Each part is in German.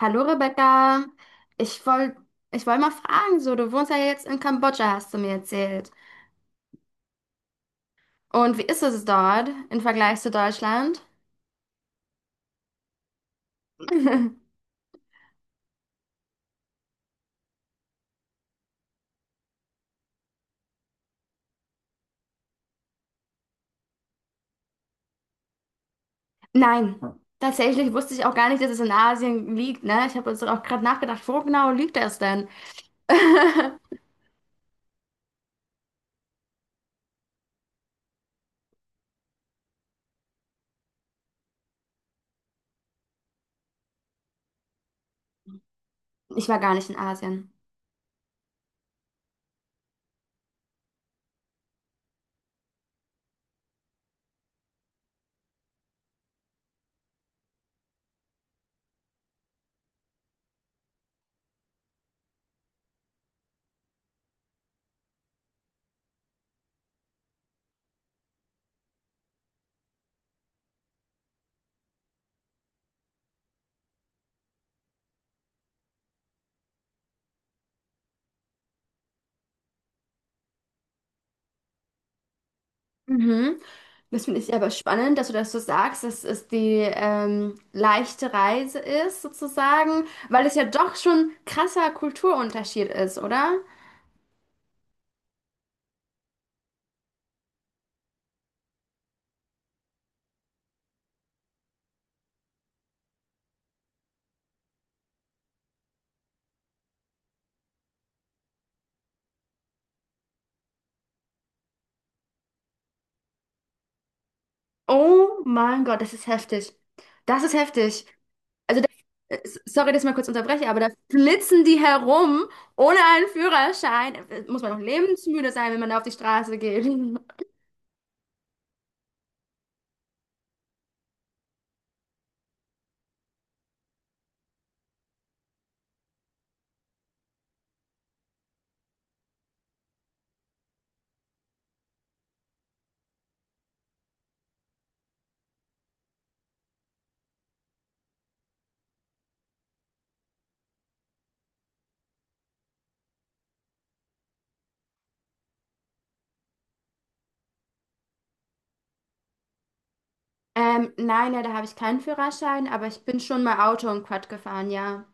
Hallo Rebecca, ich wollte ich wollt mal fragen, so du wohnst ja jetzt in Kambodscha, hast du mir erzählt. Und wie ist es dort im Vergleich zu Deutschland? Nein, tatsächlich wusste ich auch gar nicht, dass es in Asien liegt, ne? Ich habe uns auch gerade nachgedacht, wo genau liegt das denn? Ich war gar nicht in Asien. Mhm. Das finde ich aber spannend, dass du das so sagst, dass es die leichte Reise ist, sozusagen, weil es ja doch schon krasser Kulturunterschied ist, oder? Oh mein Gott, das ist heftig. Das ist heftig. Also, da, äh, Sorry, dass ich mal kurz unterbreche, aber da flitzen die herum ohne einen Führerschein. Muss man noch lebensmüde sein, wenn man da auf die Straße geht. Nein, ja, da habe ich keinen Führerschein, aber ich bin schon mal Auto und Quad gefahren, ja.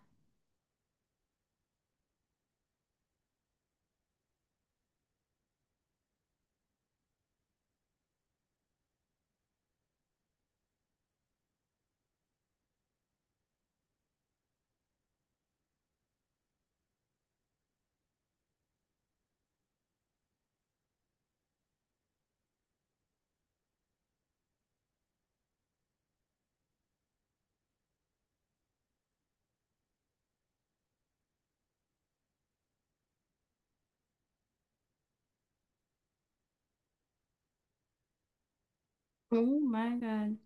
Oh mein Gott.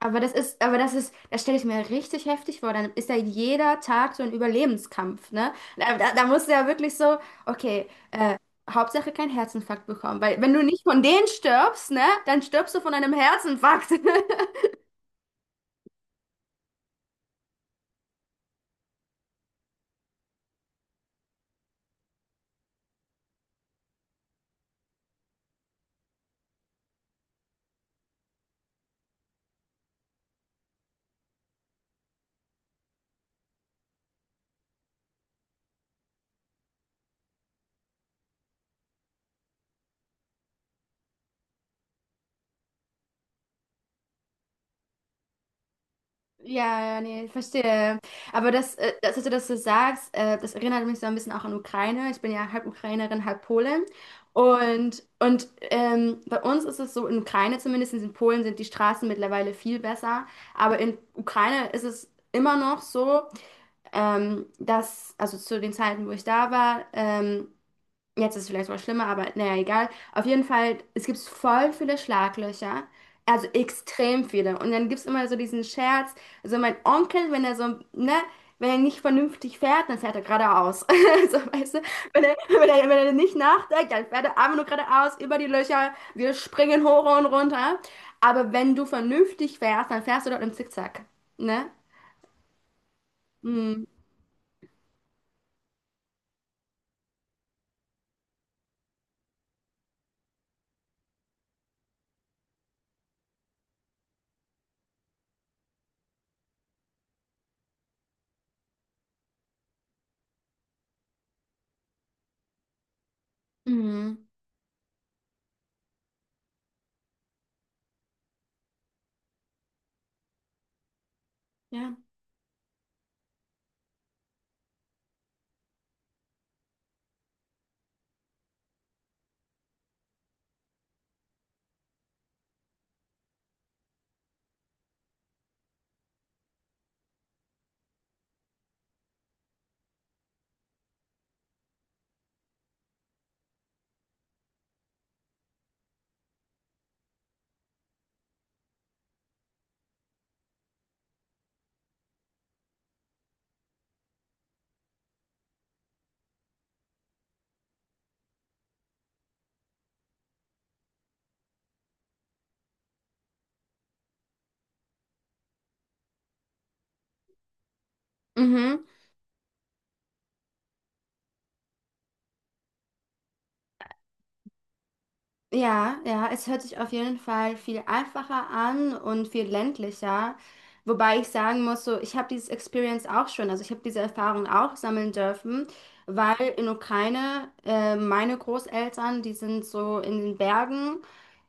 Aber das ist, das stelle ich mir richtig heftig vor. Dann ist ja jeder Tag so ein Überlebenskampf, ne? Da musst du ja wirklich so, okay, Hauptsache keinen Herzinfarkt bekommen. Weil wenn du nicht von denen stirbst, ne, dann stirbst du von einem Herzinfarkt. Ja, ja, nee, ich verstehe. Dass du das so sagst, das erinnert mich so ein bisschen auch an Ukraine. Ich bin ja halb Ukrainerin, halb Polin. Und, bei uns ist es so, in Ukraine zumindest, in Polen sind die Straßen mittlerweile viel besser. Aber in Ukraine ist es immer noch so, dass, also zu den Zeiten, wo ich da war, jetzt ist es vielleicht mal schlimmer, aber naja, egal. Auf jeden Fall, es gibt voll viele Schlaglöcher. Also extrem viele. Und dann gibt es immer so diesen Scherz. Also mein Onkel, wenn er so, ne, wenn er nicht vernünftig fährt, dann fährt er geradeaus. So, weißt du? Wenn er nicht nachdenkt, dann fährt er einfach nur geradeaus über die Löcher. Wir springen hoch und runter. Aber wenn du vernünftig fährst, dann fährst du dort im Zickzack. Ne? Mhm. Mhm. Ja. Mhm. Ja, ja, es hört sich auf jeden Fall viel einfacher an und viel ländlicher. Wobei ich sagen muss, so, ich habe dieses Experience auch schon, also ich habe diese Erfahrung auch sammeln dürfen, weil in Ukraine meine Großeltern, die sind so in den Bergen,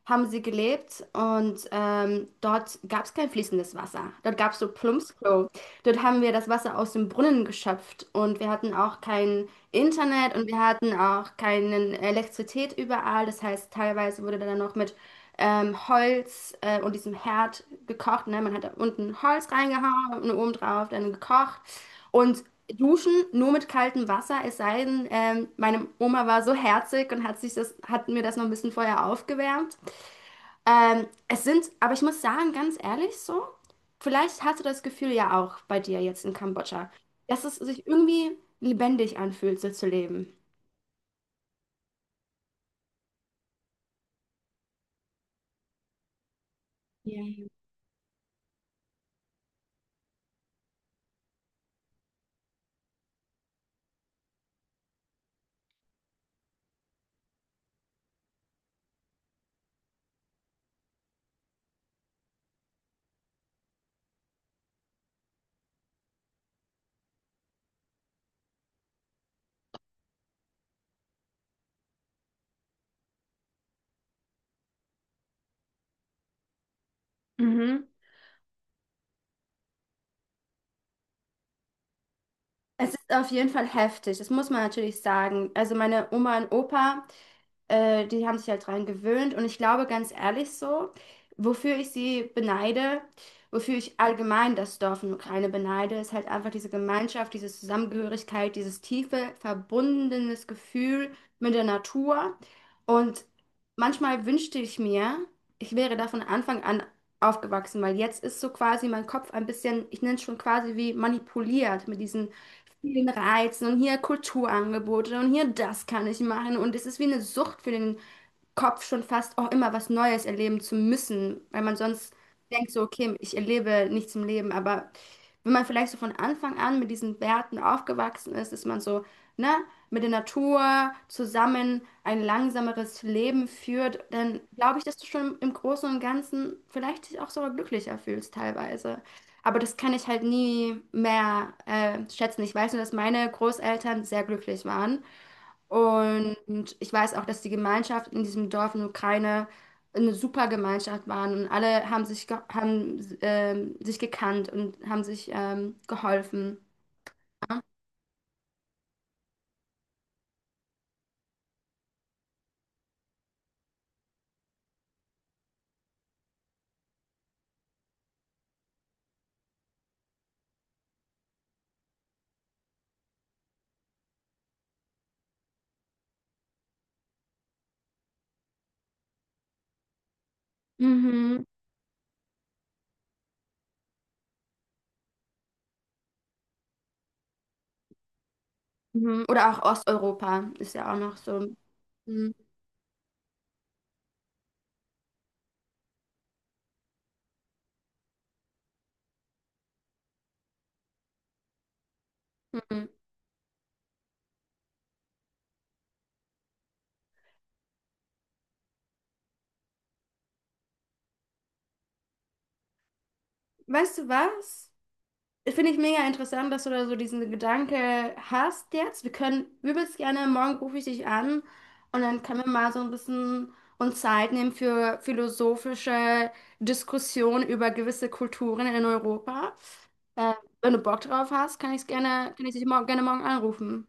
haben sie gelebt und dort gab es kein fließendes Wasser. Dort gab es so Plumpsklo. Dort haben wir das Wasser aus dem Brunnen geschöpft und wir hatten auch kein Internet und wir hatten auch keine Elektrizität überall. Das heißt, teilweise wurde dann noch mit Holz und diesem Herd gekocht. Ne? Man hat da unten Holz reingehauen und oben drauf dann gekocht. Und Duschen nur mit kaltem Wasser, es sei denn, meine Oma war so herzig und hat hat mir das noch ein bisschen vorher aufgewärmt. Es sind, aber ich muss sagen, ganz ehrlich so, vielleicht hast du das Gefühl ja auch bei dir jetzt in Kambodscha, dass es sich irgendwie lebendig anfühlt, so zu leben. Ja. Mhm. Es ist auf jeden Fall heftig, das muss man natürlich sagen. Also meine Oma und Opa, die haben sich halt dran gewöhnt und ich glaube ganz ehrlich so, wofür ich sie beneide, wofür ich allgemein das Dorf in der Ukraine beneide, ist halt einfach diese Gemeinschaft, diese Zusammengehörigkeit, dieses tiefe, verbundenes Gefühl mit der Natur. Und manchmal wünschte ich mir, ich wäre da von Anfang an aufgewachsen, weil jetzt ist so quasi mein Kopf ein bisschen, ich nenne es schon quasi wie manipuliert mit diesen vielen Reizen und hier Kulturangebote und hier das kann ich machen. Und es ist wie eine Sucht für den Kopf schon fast auch immer was Neues erleben zu müssen, weil man sonst denkt so, okay, ich erlebe nichts im Leben. Aber wenn man vielleicht so von Anfang an mit diesen Werten aufgewachsen ist, ist man so, ne, mit der Natur zusammen ein langsameres Leben führt, dann glaube ich, dass du schon im Großen und Ganzen vielleicht dich auch sogar glücklicher fühlst teilweise. Aber das kann ich halt nie mehr schätzen. Ich weiß nur, dass meine Großeltern sehr glücklich waren. Und ich weiß auch, dass die Gemeinschaft in diesem Dorf in der Ukraine eine super Gemeinschaft waren und alle haben sich gekannt und haben sich geholfen. Mhm. Mhm. Oder auch Osteuropa ist ja auch noch so. Mhm. Mhm. Weißt du was? Finde ich mega interessant, dass du da so diesen Gedanke hast jetzt. Wir können übelst gerne, morgen rufe ich dich an und dann können wir mal so ein bisschen uns Zeit nehmen für philosophische Diskussionen über gewisse Kulturen in Europa. Äh, Wenn du Bock drauf hast, kann ich dich morgen, gerne morgen anrufen.